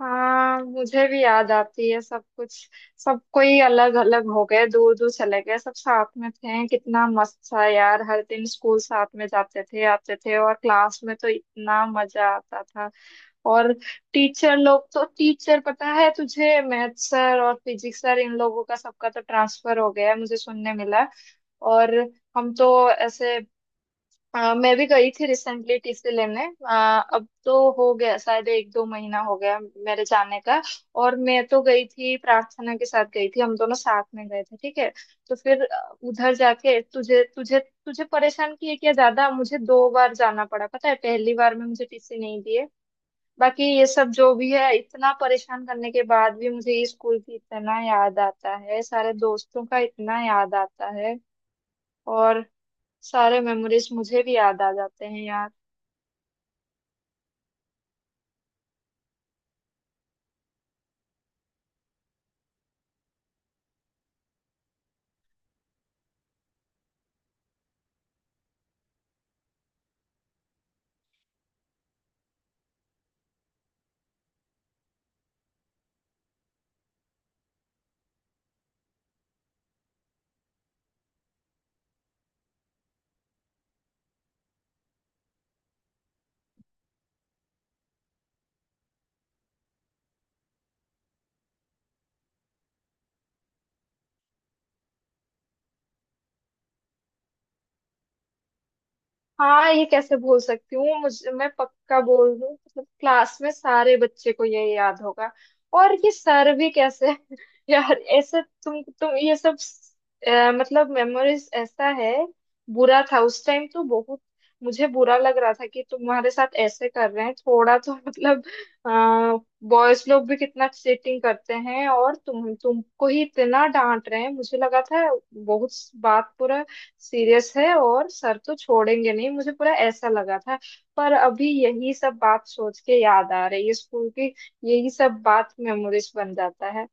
हाँ मुझे भी याद आती है सब कुछ। सब कोई अलग अलग हो गए, दूर दूर चले गए, सब साथ में थे, कितना मस्त था यार। हर दिन स्कूल साथ में जाते थे आते थे और क्लास में तो इतना मजा आता था। और टीचर लोग तो, टीचर पता है तुझे मैथ सर और फिजिक्स सर इन लोगों का सबका तो ट्रांसफर हो गया है, मुझे सुनने मिला। और हम तो ऐसे मैं भी गई थी रिसेंटली टीसी लेने। अब तो हो गया शायद एक दो महीना हो गया मेरे जाने का। और मैं तो गई थी, प्रार्थना के साथ गई थी, हम दोनों साथ में गए थे, ठीक है। तो फिर उधर जाके तुझे तुझे तुझे परेशान किए क्या ज्यादा, मुझे दो बार जाना पड़ा। पता है पहली बार में मुझे टीसी नहीं दिए। बाकी ये सब जो भी है, इतना परेशान करने के बाद भी मुझे ये स्कूल की इतना याद आता है, सारे दोस्तों का इतना याद आता है। और सारे मेमोरीज मुझे भी याद आ जाते हैं यार। हाँ ये कैसे भूल सकती हूँ, मुझे, मैं पक्का बोल रही हूँ मतलब क्लास में सारे बच्चे को ये याद होगा। और ये सर भी कैसे यार। ऐसे तुम ये सब मतलब मेमोरीज ऐसा है। बुरा था उस टाइम तो बहुत। मुझे बुरा लग रहा था कि तुम्हारे साथ ऐसे कर रहे हैं थोड़ा तो मतलब बॉयज लोग भी कितना चीटिंग करते हैं और तुमको ही इतना डांट रहे हैं मुझे लगा था, बहुत बात बुरा सीरियस है और सर तो छोड़ेंगे नहीं मुझे, पूरा ऐसा लगा था। पर अभी यही सब बात सोच के याद आ रही है स्कूल की, यही सब बात मेमोरीज बन जाता है।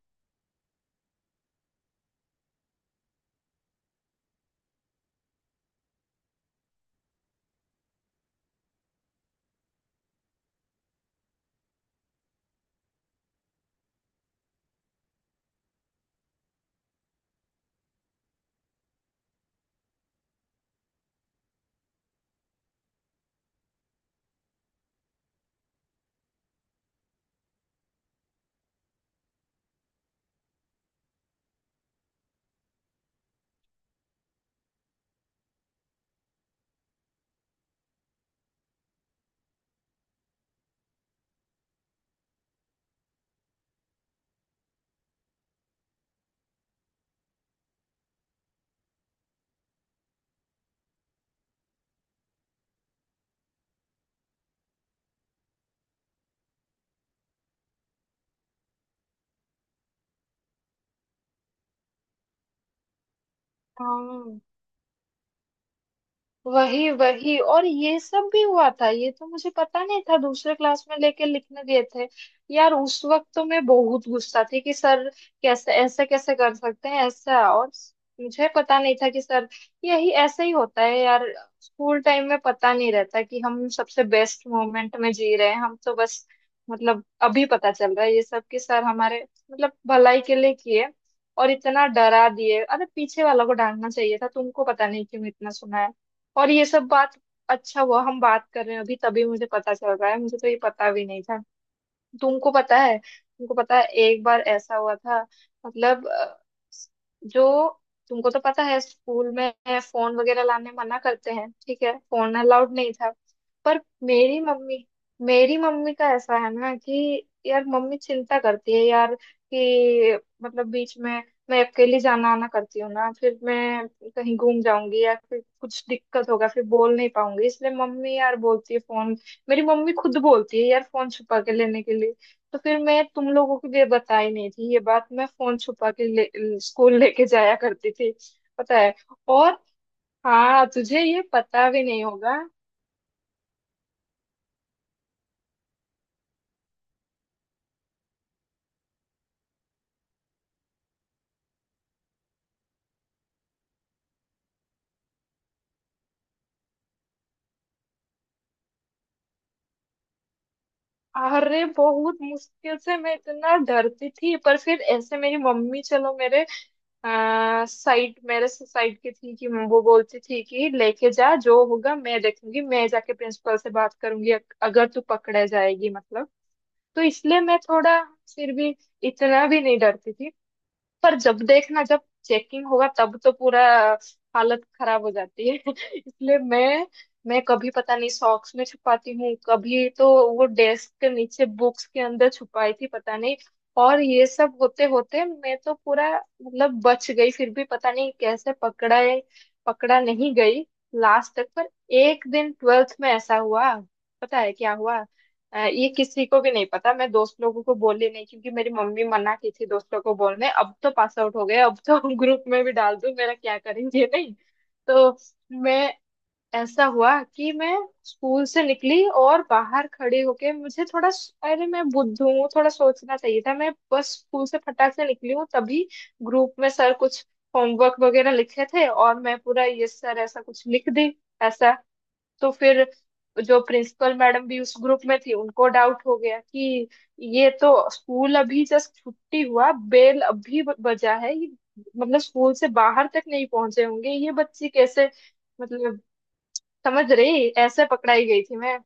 हाँ, वही वही। और ये सब भी हुआ था, ये तो मुझे पता नहीं था, दूसरे क्लास में लेके लिखने दिए थे। यार उस वक्त तो मैं बहुत गुस्सा थी कि सर कैसे, ऐसे कैसे कर सकते हैं ऐसा। और मुझे पता नहीं था कि सर, यही ऐसे ही होता है यार। स्कूल टाइम में पता नहीं रहता कि हम सबसे बेस्ट मोमेंट में जी रहे हैं, हम तो बस मतलब अभी पता चल रहा है ये सब कि सर हमारे मतलब भलाई के लिए किए। और इतना डरा दिए, अरे पीछे वालों को डांटना चाहिए था, तुमको पता नहीं क्यों इतना सुनाया। और ये सब बात, अच्छा हुआ हम बात कर रहे हैं अभी, तभी मुझे पता चल रहा है, मुझे तो ये पता भी नहीं था। तुमको पता है, तुमको पता है एक बार ऐसा हुआ था, मतलब जो, तुमको तो पता है स्कूल में फोन वगैरह लाने मना करते हैं, ठीक है, फोन अलाउड नहीं था। पर मेरी मम्मी मेरी मम्मी का ऐसा है ना कि यार मम्मी चिंता करती है यार कि मतलब बीच में मैं अकेली जाना आना करती हूँ ना, फिर मैं कहीं घूम जाऊंगी या फिर कुछ दिक्कत होगा फिर बोल नहीं पाऊंगी, इसलिए मम्मी यार बोलती है फोन। मेरी मम्मी खुद बोलती है यार फोन छुपा के लेने के लिए। तो फिर मैं तुम लोगों को ये बताई नहीं थी ये बात, मैं फोन छुपा के ले, स्कूल लेके जाया करती थी, पता है। और हाँ तुझे ये पता भी नहीं होगा। अरे बहुत मुश्किल से, मैं इतना डरती थी पर फिर ऐसे मेरी मम्मी, चलो, मेरे साइड, मेरे से साइड की थी कि वो बोलती थी कि लेके जा जो होगा मैं देखूंगी, मैं जाके प्रिंसिपल से बात करूंगी अगर तू पकड़े जाएगी मतलब। तो इसलिए मैं थोड़ा, फिर भी इतना भी नहीं डरती थी। पर जब देखना जब चेकिंग होगा तब तो पूरा हालत खराब हो जाती है इसलिए मैं कभी पता नहीं सॉक्स में छुपाती हूँ, कभी तो वो डेस्क के नीचे बुक्स के अंदर छुपाई थी, पता नहीं। और ये सब होते होते मैं तो पूरा मतलब बच गई फिर भी, पता नहीं कैसे पकड़ा है, पकड़ा नहीं गई लास्ट तक। पर एक दिन ट्वेल्थ में ऐसा हुआ, पता है क्या हुआ। ये किसी को भी नहीं पता, मैं दोस्त लोगों को बोली नहीं क्योंकि मेरी मम्मी मना की थी दोस्त लोगों को बोलने, अब तो पास आउट हो गए अब तो ग्रुप में भी डाल दूं मेरा क्या करेंगे नहीं। तो मैं, ऐसा हुआ कि मैं स्कूल से निकली और बाहर खड़ी होके मुझे थोड़ा, अरे मैं बुद्ध हूँ, थोड़ा सोचना चाहिए था, मैं बस स्कूल से फटाक से निकली हूँ तभी ग्रुप में सर कुछ होमवर्क वगैरह लिखे थे और मैं पूरा यस सर ऐसा कुछ लिख दी ऐसा। तो फिर जो प्रिंसिपल मैडम भी उस ग्रुप में थी उनको डाउट हो गया कि ये तो स्कूल अभी जस्ट छुट्टी हुआ, बेल अभी बजा है, ये मतलब स्कूल से बाहर तक नहीं पहुंचे होंगे, ये बच्ची कैसे, मतलब समझ रही, ऐसे पकड़ाई गई थी मैं।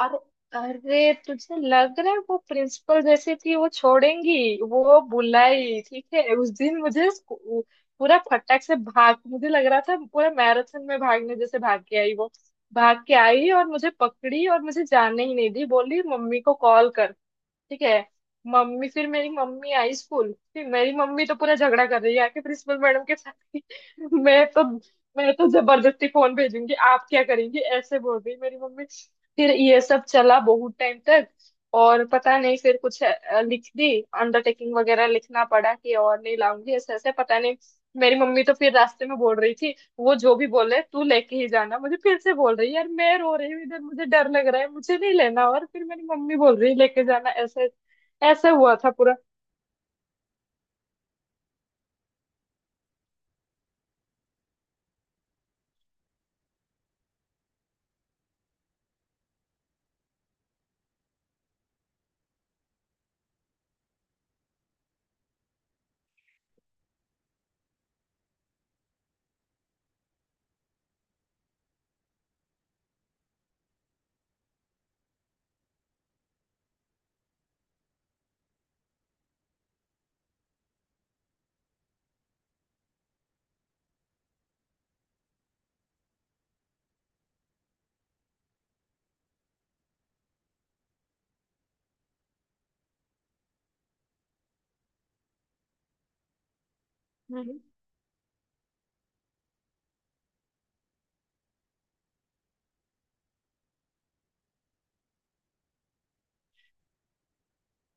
अरे, अरे तुझे लग रहा है वो प्रिंसिपल जैसी थी वो छोड़ेंगी। वो बुलाई, ठीक है उस दिन मुझे पूरा फटाक से भाग, मुझे लग रहा था पूरा मैराथन में भागने जैसे भाग के आई वो, भाग के आई और मुझे पकड़ी और मुझे जाने ही नहीं दी, बोली मम्मी को कॉल कर, ठीक है। मम्मी फिर, मेरी मम्मी आई स्कूल, फिर मेरी मम्मी तो पूरा झगड़ा कर रही है आके प्रिंसिपल मैडम के साथ कि मैं तो, मैं तो जबरदस्ती फोन भेजूंगी आप क्या करेंगी, ऐसे बोल रही मेरी मम्मी। फिर ये सब चला बहुत टाइम तक, और पता नहीं फिर कुछ लिख दी, अंडरटेकिंग वगैरह लिखना पड़ा कि और नहीं लाऊंगी ऐसे ऐसे, पता नहीं। मेरी मम्मी तो फिर रास्ते में बोल रही थी, वो जो भी बोले तू लेके ही जाना, मुझे फिर से बोल रही है यार, मैं रो रही हूँ इधर, मुझे डर लग रहा है मुझे नहीं लेना, और फिर मेरी मम्मी बोल रही है लेके जाना ऐसे। ऐसे हुआ था पूरा।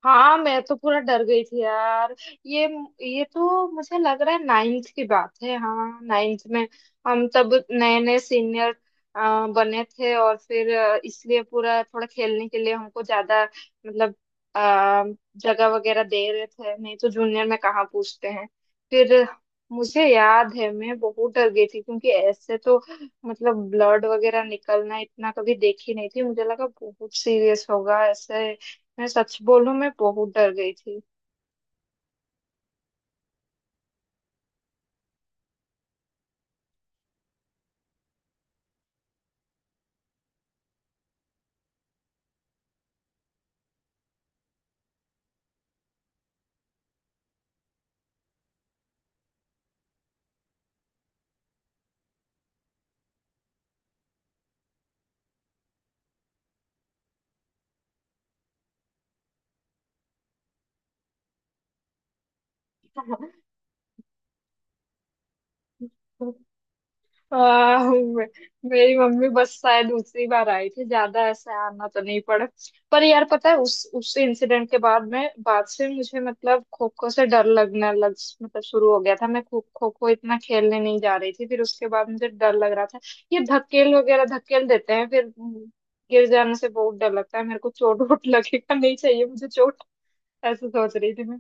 हाँ मैं तो पूरा डर गई थी यार। ये ये तो मुझे लग रहा है नाइन्थ की बात है, हाँ नाइन्थ में। हम तब नए नए सीनियर बने थे और फिर इसलिए पूरा थोड़ा खेलने के लिए हमको ज्यादा मतलब अ, जगह वगैरह दे रहे थे, नहीं तो जूनियर में कहाँ पूछते हैं। फिर मुझे याद है मैं बहुत डर गई थी क्योंकि ऐसे तो मतलब ब्लड वगैरह निकलना इतना कभी देखी नहीं थी, मुझे लगा बहुत सीरियस होगा ऐसे। मैं सच बोलूं मैं बहुत डर गई थी। आह, मे- मेरी मम्मी बस शायद दूसरी बार आई थी, ज्यादा ऐसे आना तो नहीं पड़ा। पर यार पता है उस इंसिडेंट के बाद में, बाद से मुझे मतलब खो खो से डर लगने लग, मतलब शुरू हो गया था, मैं खो खो खो इतना खेलने नहीं जा रही थी फिर, उसके बाद मुझे डर लग रहा था ये धकेल वगैरह धकेल देते हैं फिर गिर जाने से बहुत डर लगता है मेरे को, चोट वोट लगेगा नहीं चाहिए मुझे चोट, ऐसे सोच रही थी मैं।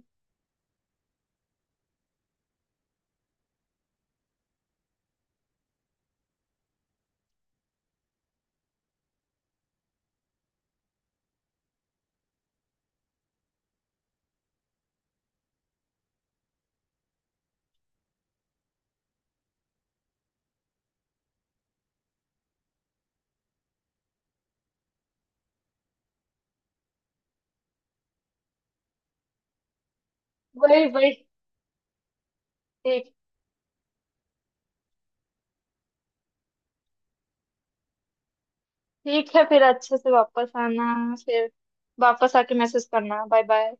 वही वही, ठीक है फिर अच्छे से वापस आना, फिर वापस आके मैसेज करना, बाय बाय।